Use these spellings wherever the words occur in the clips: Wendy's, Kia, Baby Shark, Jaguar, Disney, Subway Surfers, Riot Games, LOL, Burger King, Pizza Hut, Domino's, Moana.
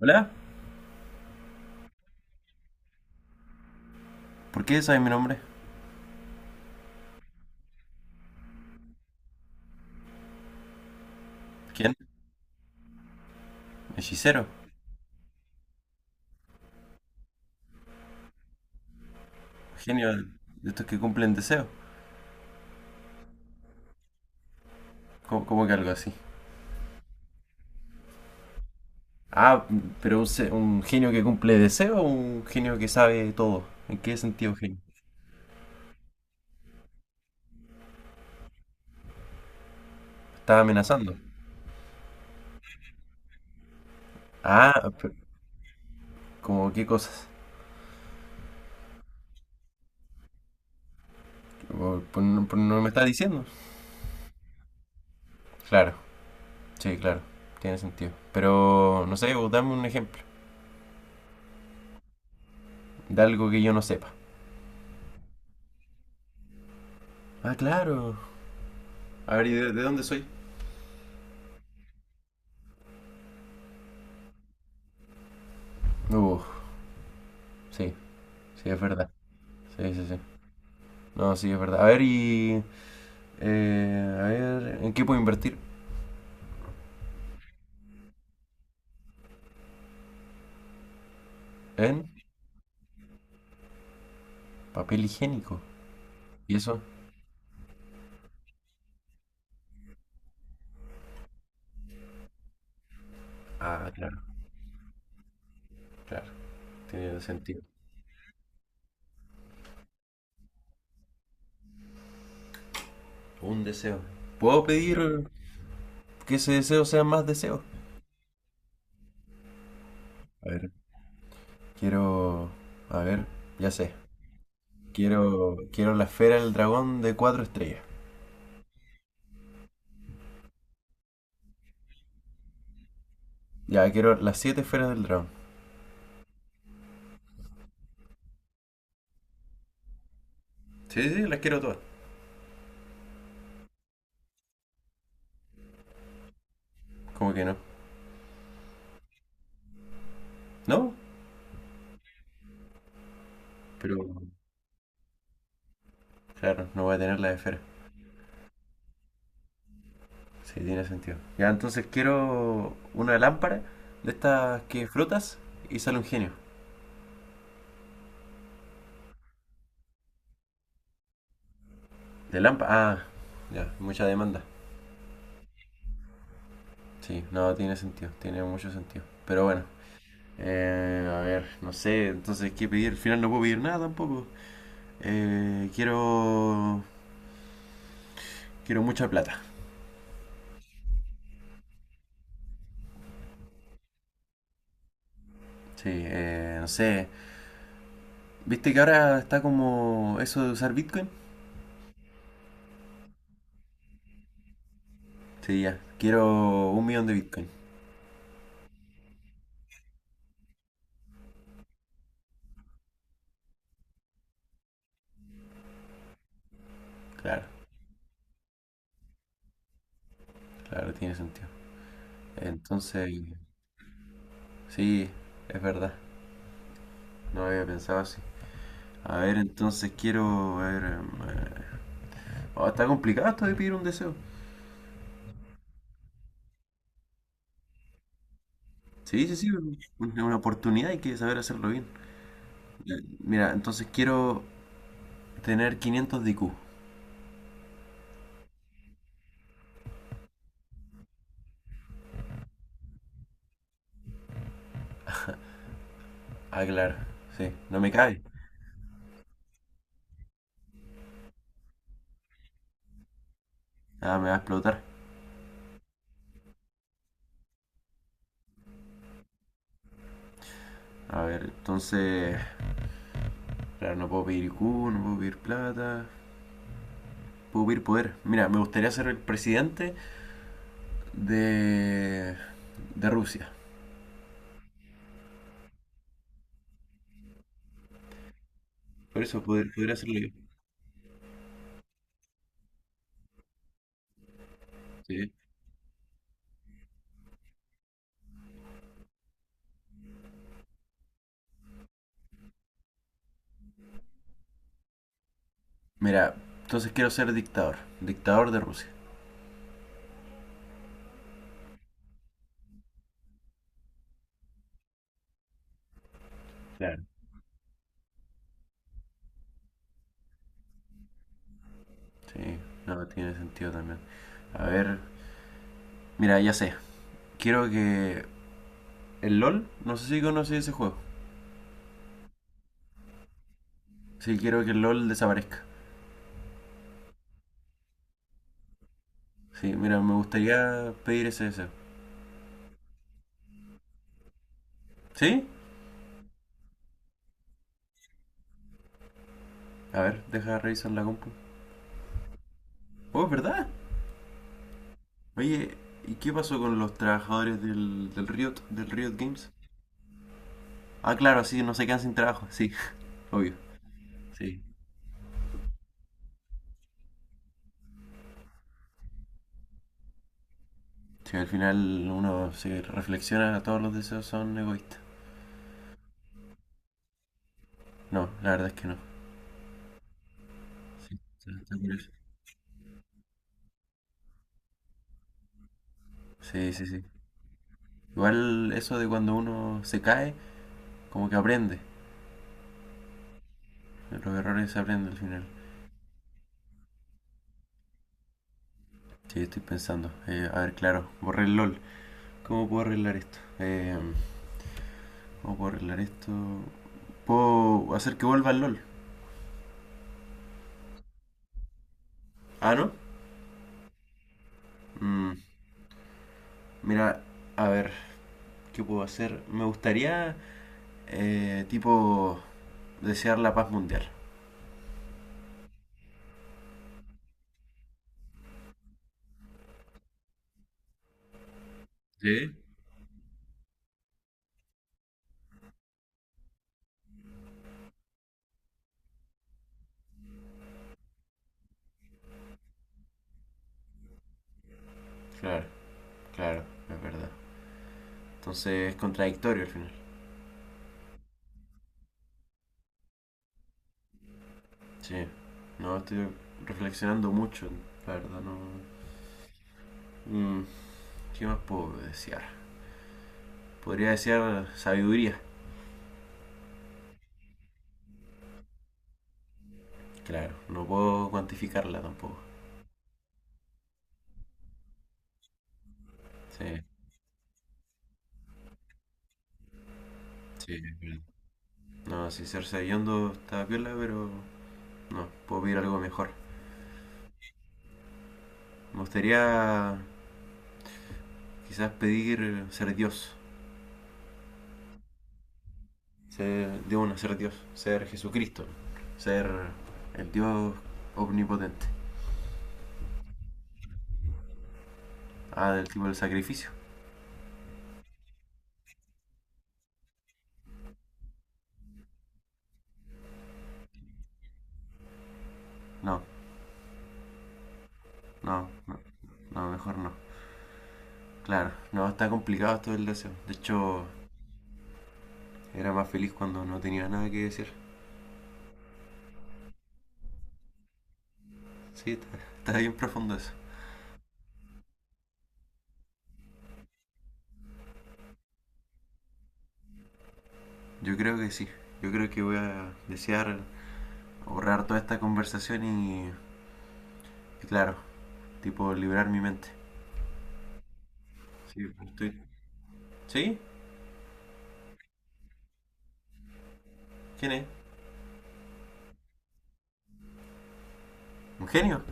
Hola, ¿por qué sabes mi nombre? ¿Quién? Hechicero, genio de estos que cumplen deseos. ¿Cómo que algo así? Ah, pero un genio que cumple deseos o un genio que sabe todo. ¿En qué sentido genio? ¿Estás amenazando? Ah, pero, ¿cómo qué cosas? Por no me estás diciendo. Claro, sí, claro, tiene sentido. Pero, no sé, vos dame un ejemplo de algo que yo no sepa. Ah, claro. A ver, ¿y de dónde soy? Uh, sí, sí, es verdad. Sí, sí, sí. No, sí, es verdad. A ver, y... a ver, ¿en qué puedo invertir? En papel higiénico. ¿Y eso? Ah, claro, claro, tiene sentido. Un deseo. ¿Puedo pedir que ese deseo sea más deseos? A ver, quiero... A ver, ya sé. Quiero la esfera del dragón de cuatro estrellas. Ya, quiero las siete esferas del dragón. Sí, sí, las quiero todas. ¿Cómo que no? ¿No? Pero, claro, no voy a tener las esferas. Sí, tiene sentido. Ya, entonces quiero una lámpara de estas que frotas y sale un genio. De lámpara ah, ya, mucha demanda. Sí, no, tiene sentido, tiene mucho sentido. Pero bueno, a ver, no sé, entonces, ¿qué pedir? Al final no puedo pedir nada tampoco. Eh, quiero, quiero mucha plata. Sí, no sé. ¿Viste que ahora está como eso de usar Bitcoin? Sí, ya, quiero 1 millón de Bitcoin. Claro, claro, tiene sentido. Entonces, sí, es verdad, no había pensado así. A ver, entonces quiero, a ver, eh, oh, está complicado esto de pedir un deseo. Sí, sí, sí, es una oportunidad y hay que saber hacerlo bien. Ya, mira, entonces quiero tener 500 de IQ. Ah, claro, sí, no me cabe. Ah, me va a explotar. A ver, entonces, claro, no puedo pedir IQ, no puedo pedir plata, puedo pedir poder. Mira, me gustaría ser el presidente de, de Rusia. Por eso podría hacerlo yo. Sí. Mira, entonces quiero ser dictador, dictador de Rusia. Claro. Sí, no, tiene sentido también. A ver, mira, ya sé. Quiero que el LOL, no sé si conoces ese juego. Sí, quiero que el LOL desaparezca. Sí, mira, me gustaría pedir ese deseo. ¿Sí? A ver, deja revisar la compu. Oh, es verdad. Oye, ¿y qué pasó con los trabajadores del Riot Games? Ah, claro, sí, no se quedan sin trabajo. Sí, obvio. Sí. Sí, al final uno se reflexiona, todos los deseos son egoístas. No, la verdad es que no. Sí, está curioso. Sí, sí, sí. Igual eso de cuando uno se cae, como que aprende. Los errores se aprenden al final. Sí, estoy pensando. A ver, claro, borré el LOL. ¿Cómo puedo arreglar esto? ¿Cómo puedo arreglar esto? ¿Puedo hacer que vuelva el LOL? Ah, ¿no? Mm, mira, a ver, ¿qué puedo hacer? Me gustaría, tipo, desear la paz mundial. Sí. Claro, claro, es verdad. Entonces es contradictorio al final. Sí. No, estoy reflexionando mucho, la verdad, no. Mm, ¿qué más puedo desear? Podría desear sabiduría. Claro, no puedo cuantificarla tampoco. Sí, sí, es verdad. No, si ser sabiondo está piola, pero no, puedo pedir algo mejor. Me gustaría quizás pedir ser Dios, ser de una, ser Dios, ser Jesucristo, ser el Dios omnipotente. Ah, del tipo del sacrificio. No, no, no, no, mejor no. Claro, no, está complicado todo el deseo. De hecho, era más feliz cuando no tenía nada que decir. Sí, está bien profundo eso. Yo creo que sí. Yo creo que voy a desear ahorrar toda esta conversación y claro, tipo liberar mi mente. Sí, ¿sí? ¿Quién es? ¿Un genio?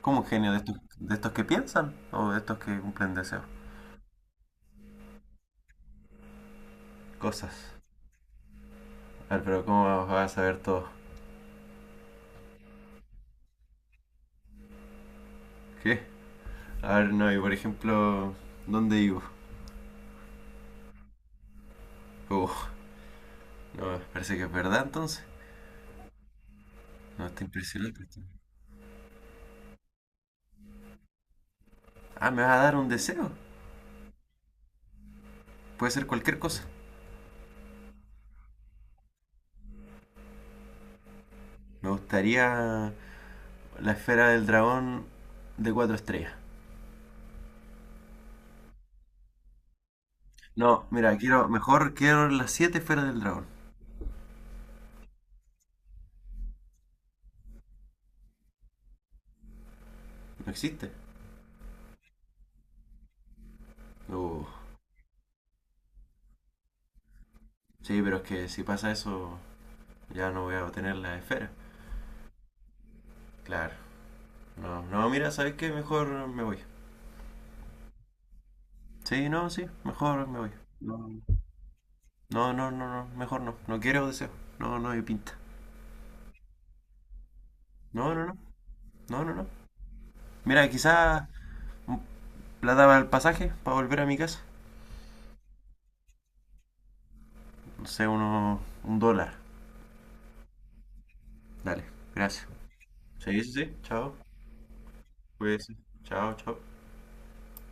¿Cómo un genio? De estos que piensan o de estos que cumplen deseos? Cosas. A ver, pero ¿cómo vas a saber todo? ¿Qué? A ver, no, y por ejemplo, ¿dónde vivo? Oh, no, parece que es verdad entonces. No, está impresionante esto. Ah, ¿me vas a dar un deseo? Puede ser cualquier cosa. Me gustaría la esfera del dragón de cuatro estrellas. No, mira, quiero, mejor quiero las siete esferas del dragón. No existe. Uh, sí, pero es que si pasa eso, ya no voy a obtener las esferas. Claro. No, no, mira, ¿sabes qué? Mejor me voy. Sí, no, sí, mejor me voy. No, no, no, no, no, mejor no. No quiero deseo. No, no hay pinta. No, no, no. No, no, no. Mira, quizás la daba el pasaje para volver a mi casa. No sé, uno, 1 dólar. Dale, gracias. Sí, sí, sí. Chao. Pues, chao, chao.